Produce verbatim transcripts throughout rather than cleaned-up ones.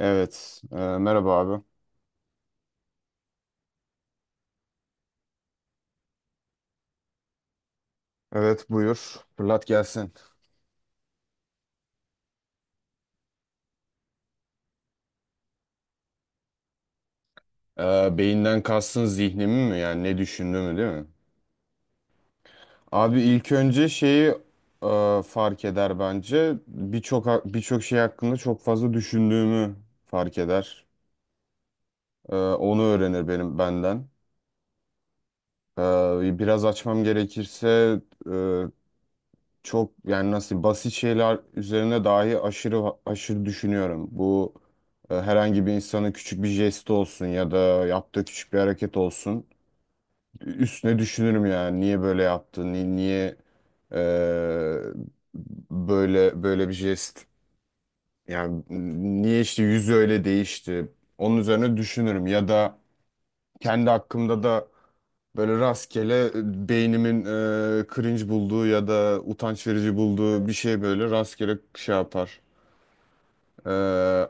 Evet. E, merhaba abi. Evet, buyur. Fırlat gelsin. E, Beyinden kastın zihnimi mi? Yani ne düşündüğümü değil mi? Abi ilk önce şeyi e, fark eder bence. Birçok ha- birçok şey hakkında çok fazla düşündüğümü fark eder. E, onu öğrenir benim benden. E, biraz açmam gerekirse e, çok yani nasıl basit şeyler üzerine dahi aşırı aşırı düşünüyorum. Bu e, herhangi bir insanın küçük bir jesti olsun ya da yaptığı küçük bir hareket olsun. Üstüne düşünürüm yani niye böyle yaptın ni- niye e, böyle böyle bir jest yani niye işte yüzü öyle değişti. Onun üzerine düşünürüm ya da kendi hakkımda da böyle rastgele e, beynimin e, cringe bulduğu ya da utanç verici bulduğu bir şey böyle rastgele şey yapar. E,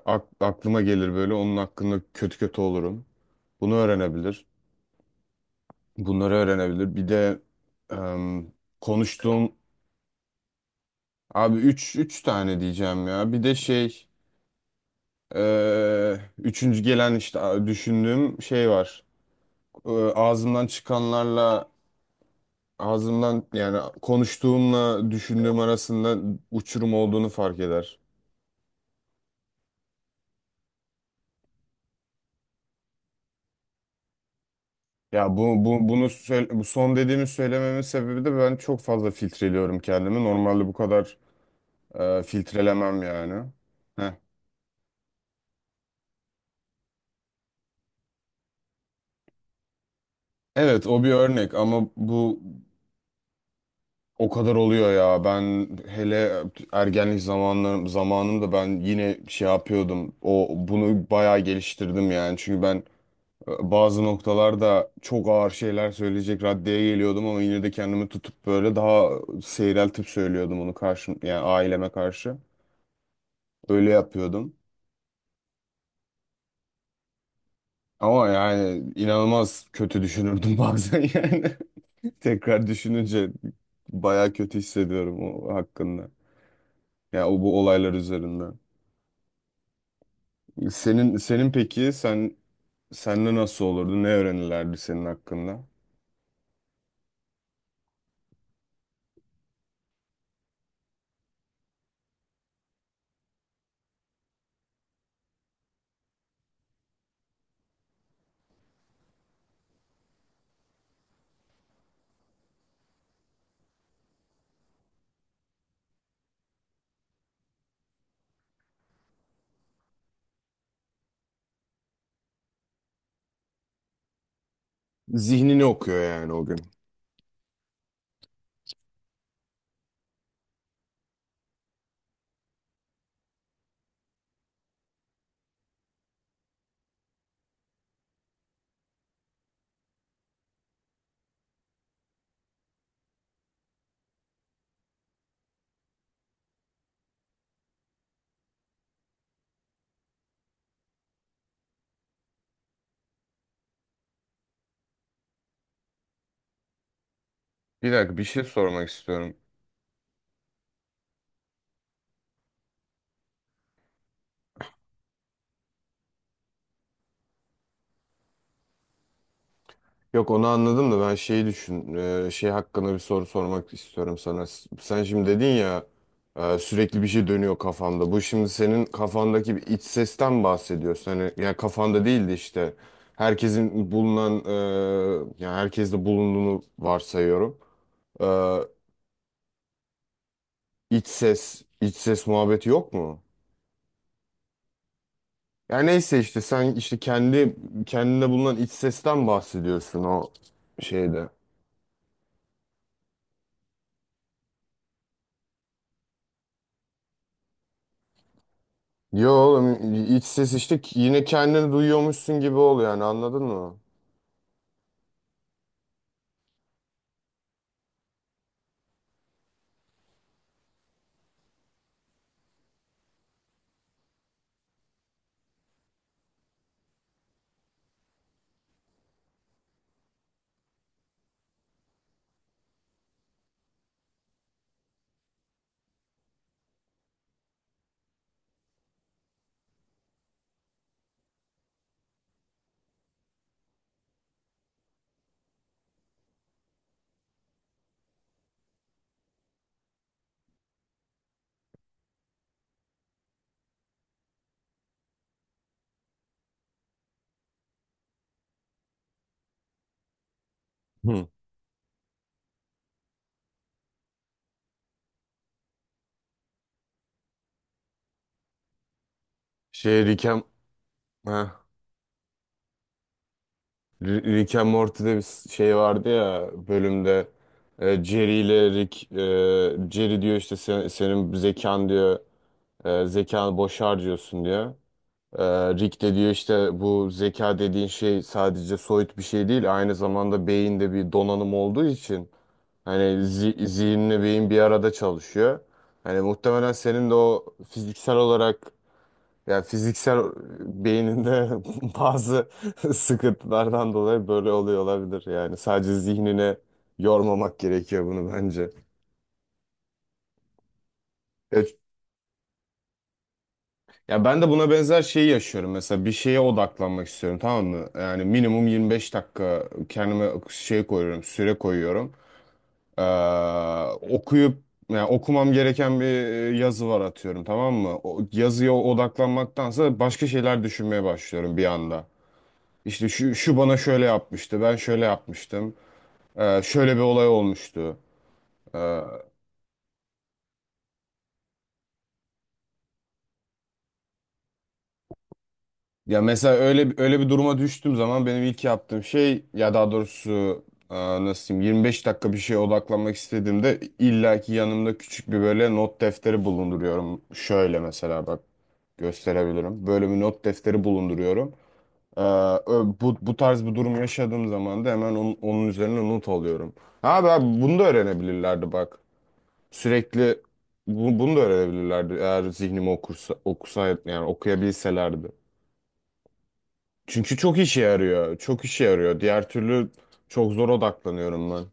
ak- Aklıma gelir böyle, onun hakkında kötü kötü olurum. Bunu öğrenebilir. Bunları öğrenebilir. Bir de em, konuştuğum abi üç üç tane diyeceğim ya. Bir de şey e, üçüncü gelen işte a, düşündüğüm şey var. E, ağzımdan çıkanlarla ağzımdan yani konuştuğumla düşündüğüm arasında uçurum olduğunu fark eder. Ya bu, bu bunu söyle- bu son dediğimi söylememin sebebi de ben çok fazla filtreliyorum kendimi. Normalde bu kadar e, filtrelemem yani. Heh. Evet, o bir örnek ama bu o kadar oluyor ya. Ben hele ergenlik zamanlarım zamanımda ben yine şey yapıyordum. O bunu bayağı geliştirdim yani. Çünkü ben bazı noktalarda çok ağır şeyler söyleyecek raddeye geliyordum ama yine de kendimi tutup böyle daha seyreltip söylüyordum, onu karşı yani aileme karşı. Öyle yapıyordum. Ama yani inanılmaz kötü düşünürdüm bazen yani. Tekrar düşününce bayağı kötü hissediyorum o hakkında. Ya o, bu olaylar üzerinden. Senin senin Peki sen senle nasıl olurdu? Ne öğrenirlerdi senin hakkında? Zihnini okuyor yani o gün. Bir dakika, bir şey sormak istiyorum. Yok, onu anladım da ben şeyi düşün, e, şey hakkında bir soru sormak istiyorum sana. S- Sen şimdi dedin ya e, sürekli bir şey dönüyor kafamda. Bu şimdi senin kafandaki bir iç sesten bahsediyorsun. Hani ya, kafanda değildi işte. Herkesin bulunan, e, ya, herkeste bulunduğunu varsayıyorum. E, iç ses, iç ses muhabbeti yok mu? Yani neyse, işte sen işte kendi kendinde bulunan iç sesten bahsediyorsun o şeyde. Yo oğlum, iç ses işte ki- yine kendini duyuyormuşsun gibi ol yani, anladın mı? Hı. Şey Rick and, ha, Rick and Morty'de bir şey vardı ya bölümde, e, Jerry ile Rick, e, Jerry diyor işte sen- senin zekan diyor, e, zekanı boş harcıyorsun diyor. E, Rick de diyor işte bu zeka dediğin şey sadece soyut bir şey değil, aynı zamanda beyinde bir donanım olduğu için hani zi zihinle beyin bir arada çalışıyor. Hani muhtemelen senin de o fiziksel olarak yani fiziksel beyninde bazı sıkıntılardan dolayı böyle oluyor olabilir. Yani sadece zihnine yormamak gerekiyor bunu bence. Ya, Ya ben de buna benzer şeyi yaşıyorum. Mesela bir şeye odaklanmak istiyorum, tamam mı? Yani minimum yirmi beş dakika kendime şey koyuyorum, süre koyuyorum. Ee, Okuyup yani okumam gereken bir e, yazı var atıyorum, tamam mı? O yazıya odaklanmaktansa başka şeyler düşünmeye başlıyorum bir anda. İşte şu, şu bana şöyle yapmıştı, ben şöyle yapmıştım. Ee, şöyle bir olay olmuştu. Ya mesela öyle öyle bir duruma düştüğüm zaman benim ilk yaptığım şey, ya daha doğrusu e, nasıl diyeyim, yirmi beş dakika bir şeye odaklanmak istediğimde illaki yanımda küçük bir böyle not defteri bulunduruyorum. Şöyle mesela bak, gösterebilirim. Böyle bir not defteri bulunduruyorum. E, ö- bu, Bu tarz bir durum yaşadığım zaman da hemen onun, onun üzerine not alıyorum. Abi, abi, bunu da öğrenebilirlerdi bak. Sürekli bu- bunu da öğrenebilirlerdi, eğer zihnimi okursa, okusaydı yani okuyabilselerdi. Çünkü çok işe yarıyor. Çok işe yarıyor. Diğer türlü çok zor odaklanıyorum ben.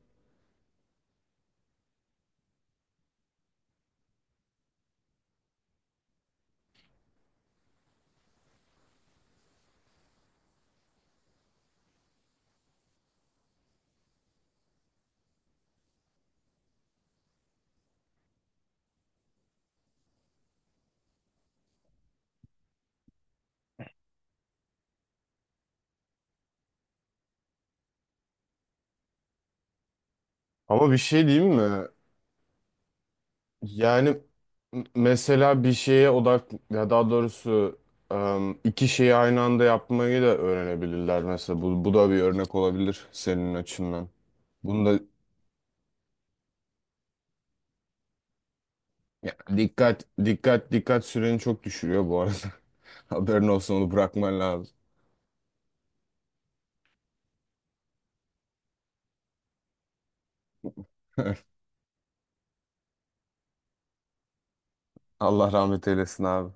Ama bir şey diyeyim mi? Yani m- mesela bir şeye odak ya daha doğrusu em, iki şeyi aynı anda yapmayı da öğrenebilirler mesela. Bu, bu da bir örnek olabilir senin açından. Bunda ya dikkat dikkat dikkat süreni çok düşürüyor bu arada. Haberin olsun, onu bırakman lazım. Allah rahmet eylesin abi.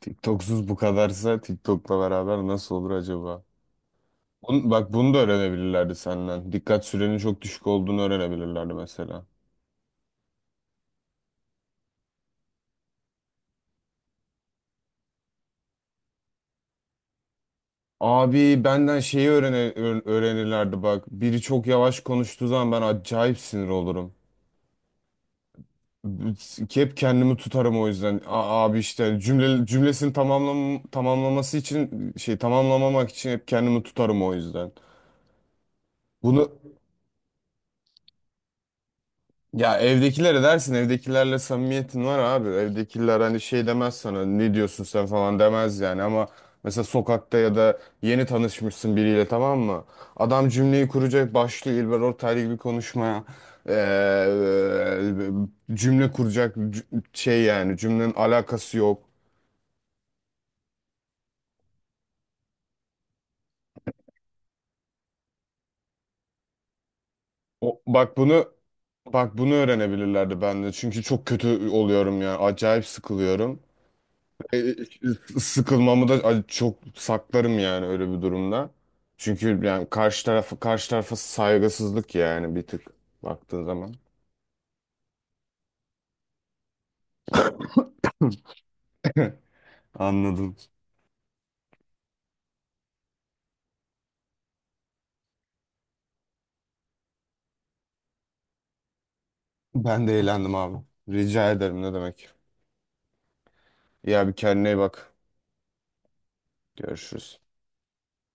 TikToksuz bu kadarsa TikTok'la beraber nasıl olur acaba? Bun, bak bunu da öğrenebilirlerdi senden. Dikkat sürenin çok düşük olduğunu öğrenebilirlerdi mesela. Abi benden şeyi öğrene, öğ- öğrenirlerdi bak. Biri çok yavaş konuştuğu zaman ben acayip sinir olurum. B- Hep kendimi tutarım o yüzden. A- abi işte cümle, cümlesini tamamlam tamamlaması için şey, tamamlamamak için hep kendimi tutarım o yüzden. Bunu Ya evdekilere dersin, evdekilerle samimiyetin var abi. Evdekiler hani şey demez sana, ne diyorsun sen falan demez yani ama mesela sokakta ya da yeni tanışmışsın biriyle, tamam mı? Adam cümleyi kuracak, başlıyor İlber Ortaylı gibi konuşmaya. Ee, cümle kuracak c- şey, yani cümlenin alakası yok. O, bak bunu Bak bunu öğrenebilirlerdi ben de, çünkü çok kötü oluyorum ya, acayip sıkılıyorum. E, e, sıkılmamı da ay, çok saklarım yani öyle bir durumda. Çünkü yani karşı tarafı karşı tarafa saygısızlık yani bir tık baktığın zaman. Anladım. Ben de eğlendim abi. Rica ederim, ne demek. Ya bir kendine iyi bak. Görüşürüz.